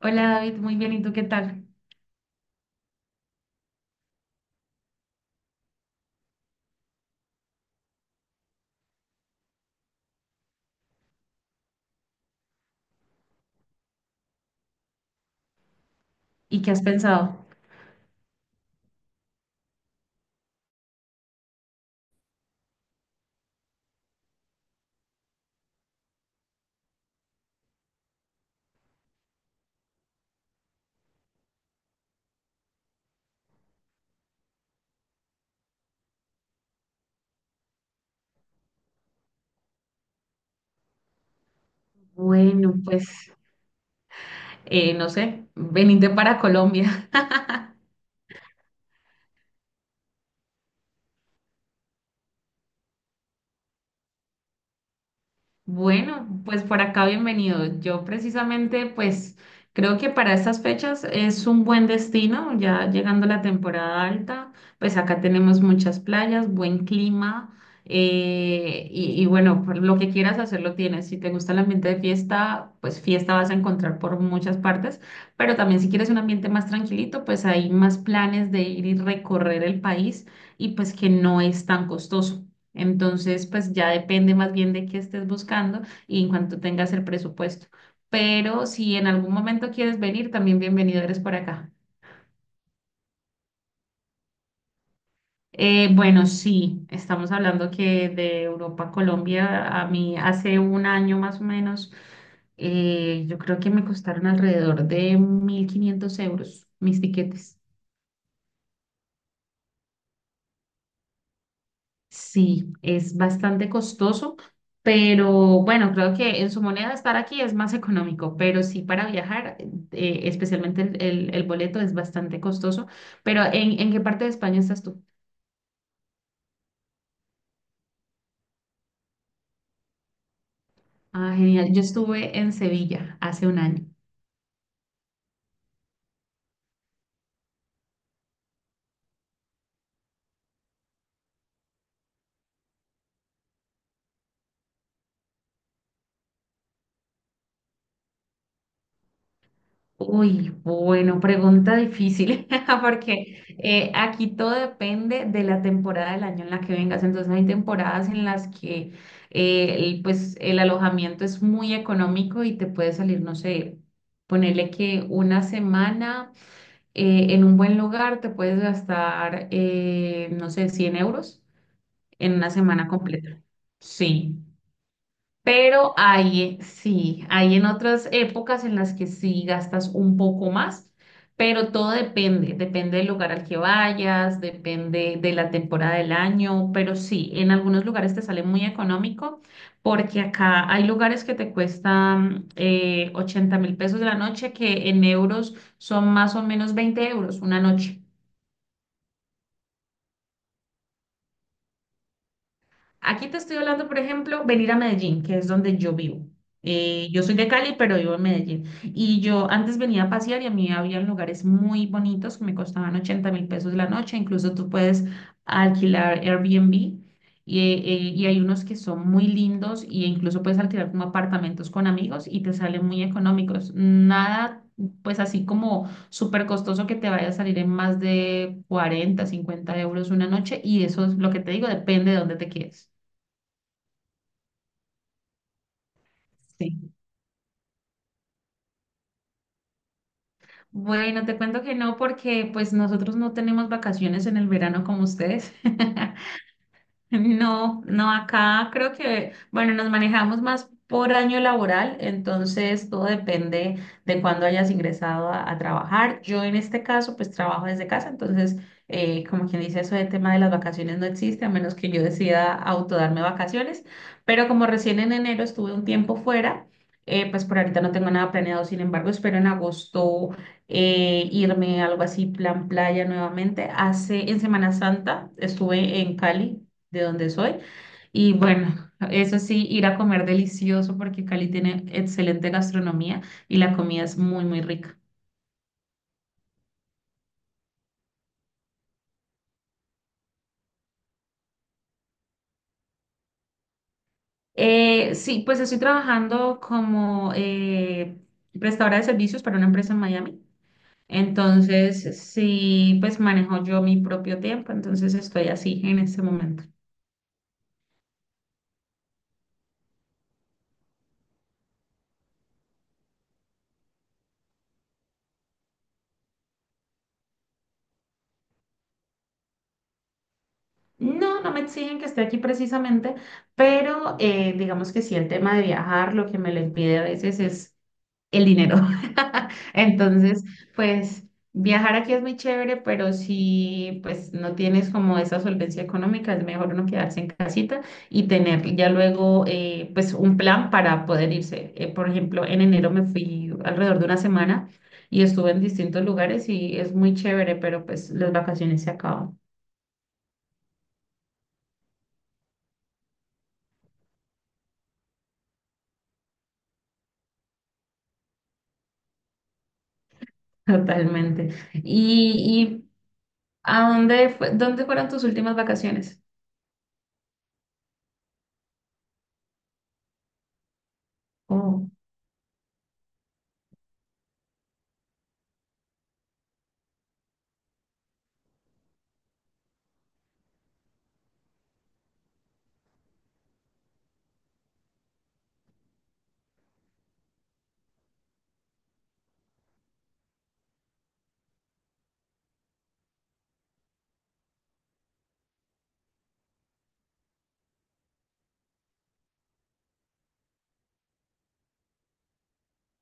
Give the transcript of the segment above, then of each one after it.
Hola David, muy bien, ¿y tú qué tal? ¿Y qué has pensado? Bueno, pues, no sé, venirte para Colombia. Bueno, pues por acá bienvenido. Yo precisamente, pues creo que para estas fechas es un buen destino, ya llegando la temporada alta, pues acá tenemos muchas playas, buen clima y bueno, por lo que quieras hacer lo tienes. Si te gusta el ambiente de fiesta, pues fiesta vas a encontrar por muchas partes, pero también si quieres un ambiente más tranquilito, pues hay más planes de ir y recorrer el país y pues que no es tan costoso. Entonces, pues ya depende más bien de qué estés buscando y en cuanto tengas el presupuesto. Pero si en algún momento quieres venir, también bienvenido eres por acá. Bueno, sí, estamos hablando que de Europa a Colombia, a mí hace un año más o menos, yo creo que me costaron alrededor de 1500 euros mis tiquetes. Sí, es bastante costoso, pero bueno, creo que en su moneda estar aquí es más económico, pero sí para viajar, especialmente el boleto es bastante costoso. Pero ¿en qué parte de España estás tú? Ah, genial. Yo estuve en Sevilla hace un año. Uy, bueno, pregunta difícil, porque aquí todo depende de la temporada del año en la que vengas. Entonces hay temporadas en las que el alojamiento es muy económico y te puede salir, no sé, ponerle que una semana en un buen lugar te puedes gastar, no sé, 100 euros en una semana completa. Sí. Pero sí, hay en otras épocas en las que sí gastas un poco más, pero todo depende del lugar al que vayas, depende de la temporada del año, pero sí, en algunos lugares te sale muy económico porque acá hay lugares que te cuestan 80 mil pesos de la noche que en euros son más o menos 20 euros una noche. Aquí te estoy hablando, por ejemplo, venir a Medellín, que es donde yo vivo. Yo soy de Cali, pero vivo en Medellín. Y yo antes venía a pasear y a mí había lugares muy bonitos que me costaban 80.000 pesos la noche. Incluso tú puedes alquilar Airbnb y hay unos que son muy lindos e incluso puedes alquilar como apartamentos con amigos y te salen muy económicos. Nada, pues así como súper costoso que te vaya a salir en más de 40, 50 euros una noche y eso es lo que te digo, depende de dónde te quedes. Sí. Bueno, te cuento que no, porque pues nosotros no tenemos vacaciones en el verano como ustedes. No, no, acá creo que, bueno, nos manejamos más por año laboral, entonces todo depende de cuándo hayas ingresado a trabajar. Yo en este caso, pues trabajo desde casa, entonces, como quien dice, eso de tema de las vacaciones no existe, a menos que yo decida autodarme vacaciones, pero como recién en enero estuve un tiempo fuera, pues por ahorita no tengo nada planeado, sin embargo, espero en agosto irme algo así, plan playa nuevamente. En Semana Santa estuve en Cali de donde soy. Y bueno, eso sí, ir a comer delicioso porque Cali tiene excelente gastronomía y la comida es muy, muy rica. Sí, pues estoy trabajando como prestadora de servicios para una empresa en Miami. Entonces, sí, pues manejo yo mi propio tiempo, entonces estoy así en este momento. No, no me exigen que esté aquí precisamente, pero digamos que sí, el tema de viajar, lo que me lo impide a veces es el dinero. Entonces, pues viajar aquí es muy chévere, pero si pues no tienes como esa solvencia económica, es mejor uno quedarse en casita y tener ya luego pues un plan para poder irse. Por ejemplo, en enero me fui alrededor de una semana y estuve en distintos lugares y es muy chévere, pero pues las vacaciones se acaban totalmente. ¿Y a dónde fueron tus últimas vacaciones? Oh,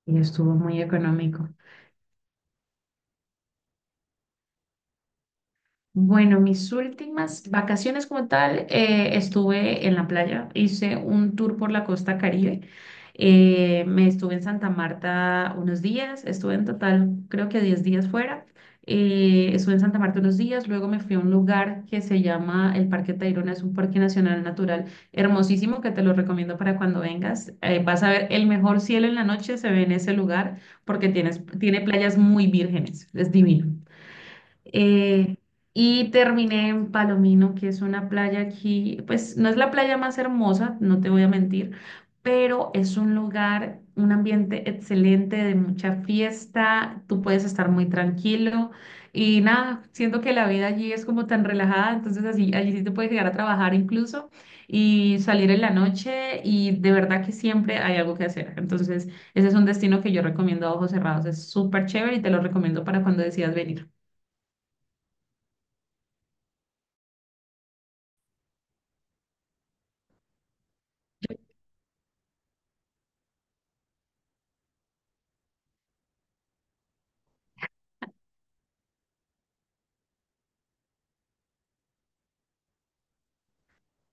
y estuvo muy económico. Bueno, mis últimas vacaciones como tal, estuve en la playa, hice un tour por la costa Caribe, me estuve en Santa Marta unos días, estuve en total creo que 10 días fuera, estuve en Santa Marta unos días, luego me fui a un lugar que se llama el Parque Tayrona, es un parque nacional natural hermosísimo que te lo recomiendo para cuando vengas, vas a ver el mejor cielo en la noche, se ve en ese lugar porque tienes, tiene playas muy vírgenes, es divino eh, y terminé en Palomino, que es una playa aquí, pues no es la playa más hermosa, no te voy a mentir, pero es un lugar, un ambiente excelente de mucha fiesta, tú puedes estar muy tranquilo y nada, siento que la vida allí es como tan relajada, entonces así, allí sí te puedes llegar a trabajar incluso y salir en la noche y de verdad que siempre hay algo que hacer, entonces ese es un destino que yo recomiendo a ojos cerrados, es súper chévere y te lo recomiendo para cuando decidas venir.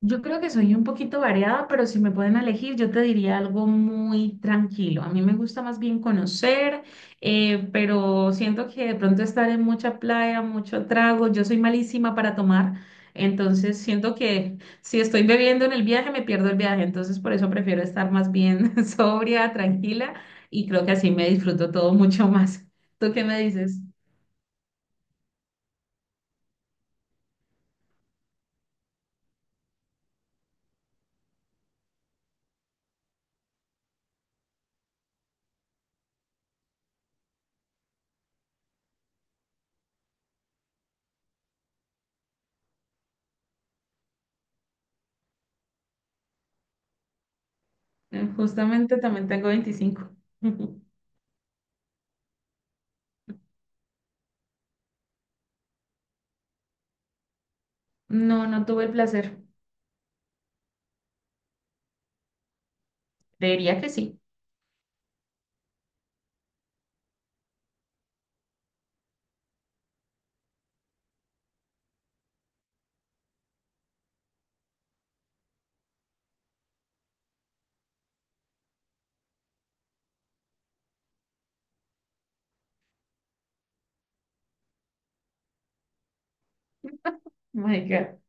Yo creo que soy un poquito variada, pero si me pueden elegir, yo te diría algo muy tranquilo. A mí me gusta más bien conocer, pero siento que de pronto estar en mucha playa, mucho trago, yo soy malísima para tomar, entonces siento que si estoy bebiendo en el viaje, me pierdo el viaje, entonces por eso prefiero estar más bien sobria, tranquila, y creo que así me disfruto todo mucho más. ¿Tú qué me dices? Justamente también tengo 25. No, no tuve el placer. Diría que sí. My God.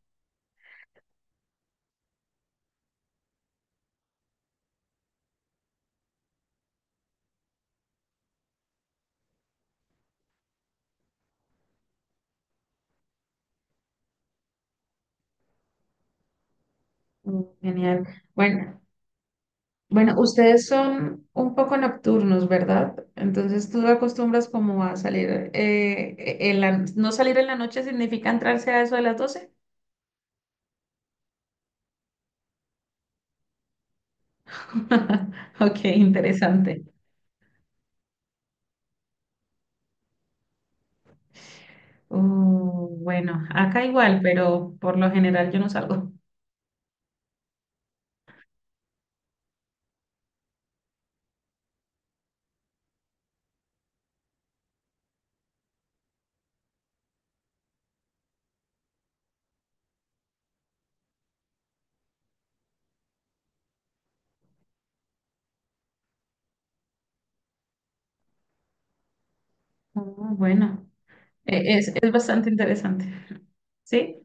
Mm, genial. Bueno, bueno, ustedes son un poco nocturnos, ¿verdad? Entonces tú acostumbras como a salir, no salir en la noche significa entrarse a eso de las doce. Ok, interesante. Bueno, acá igual, pero por lo general yo no salgo. Bueno, e- es bastante interesante. ¿Sí?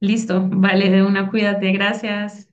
Listo, vale, de una, cuídate, gracias.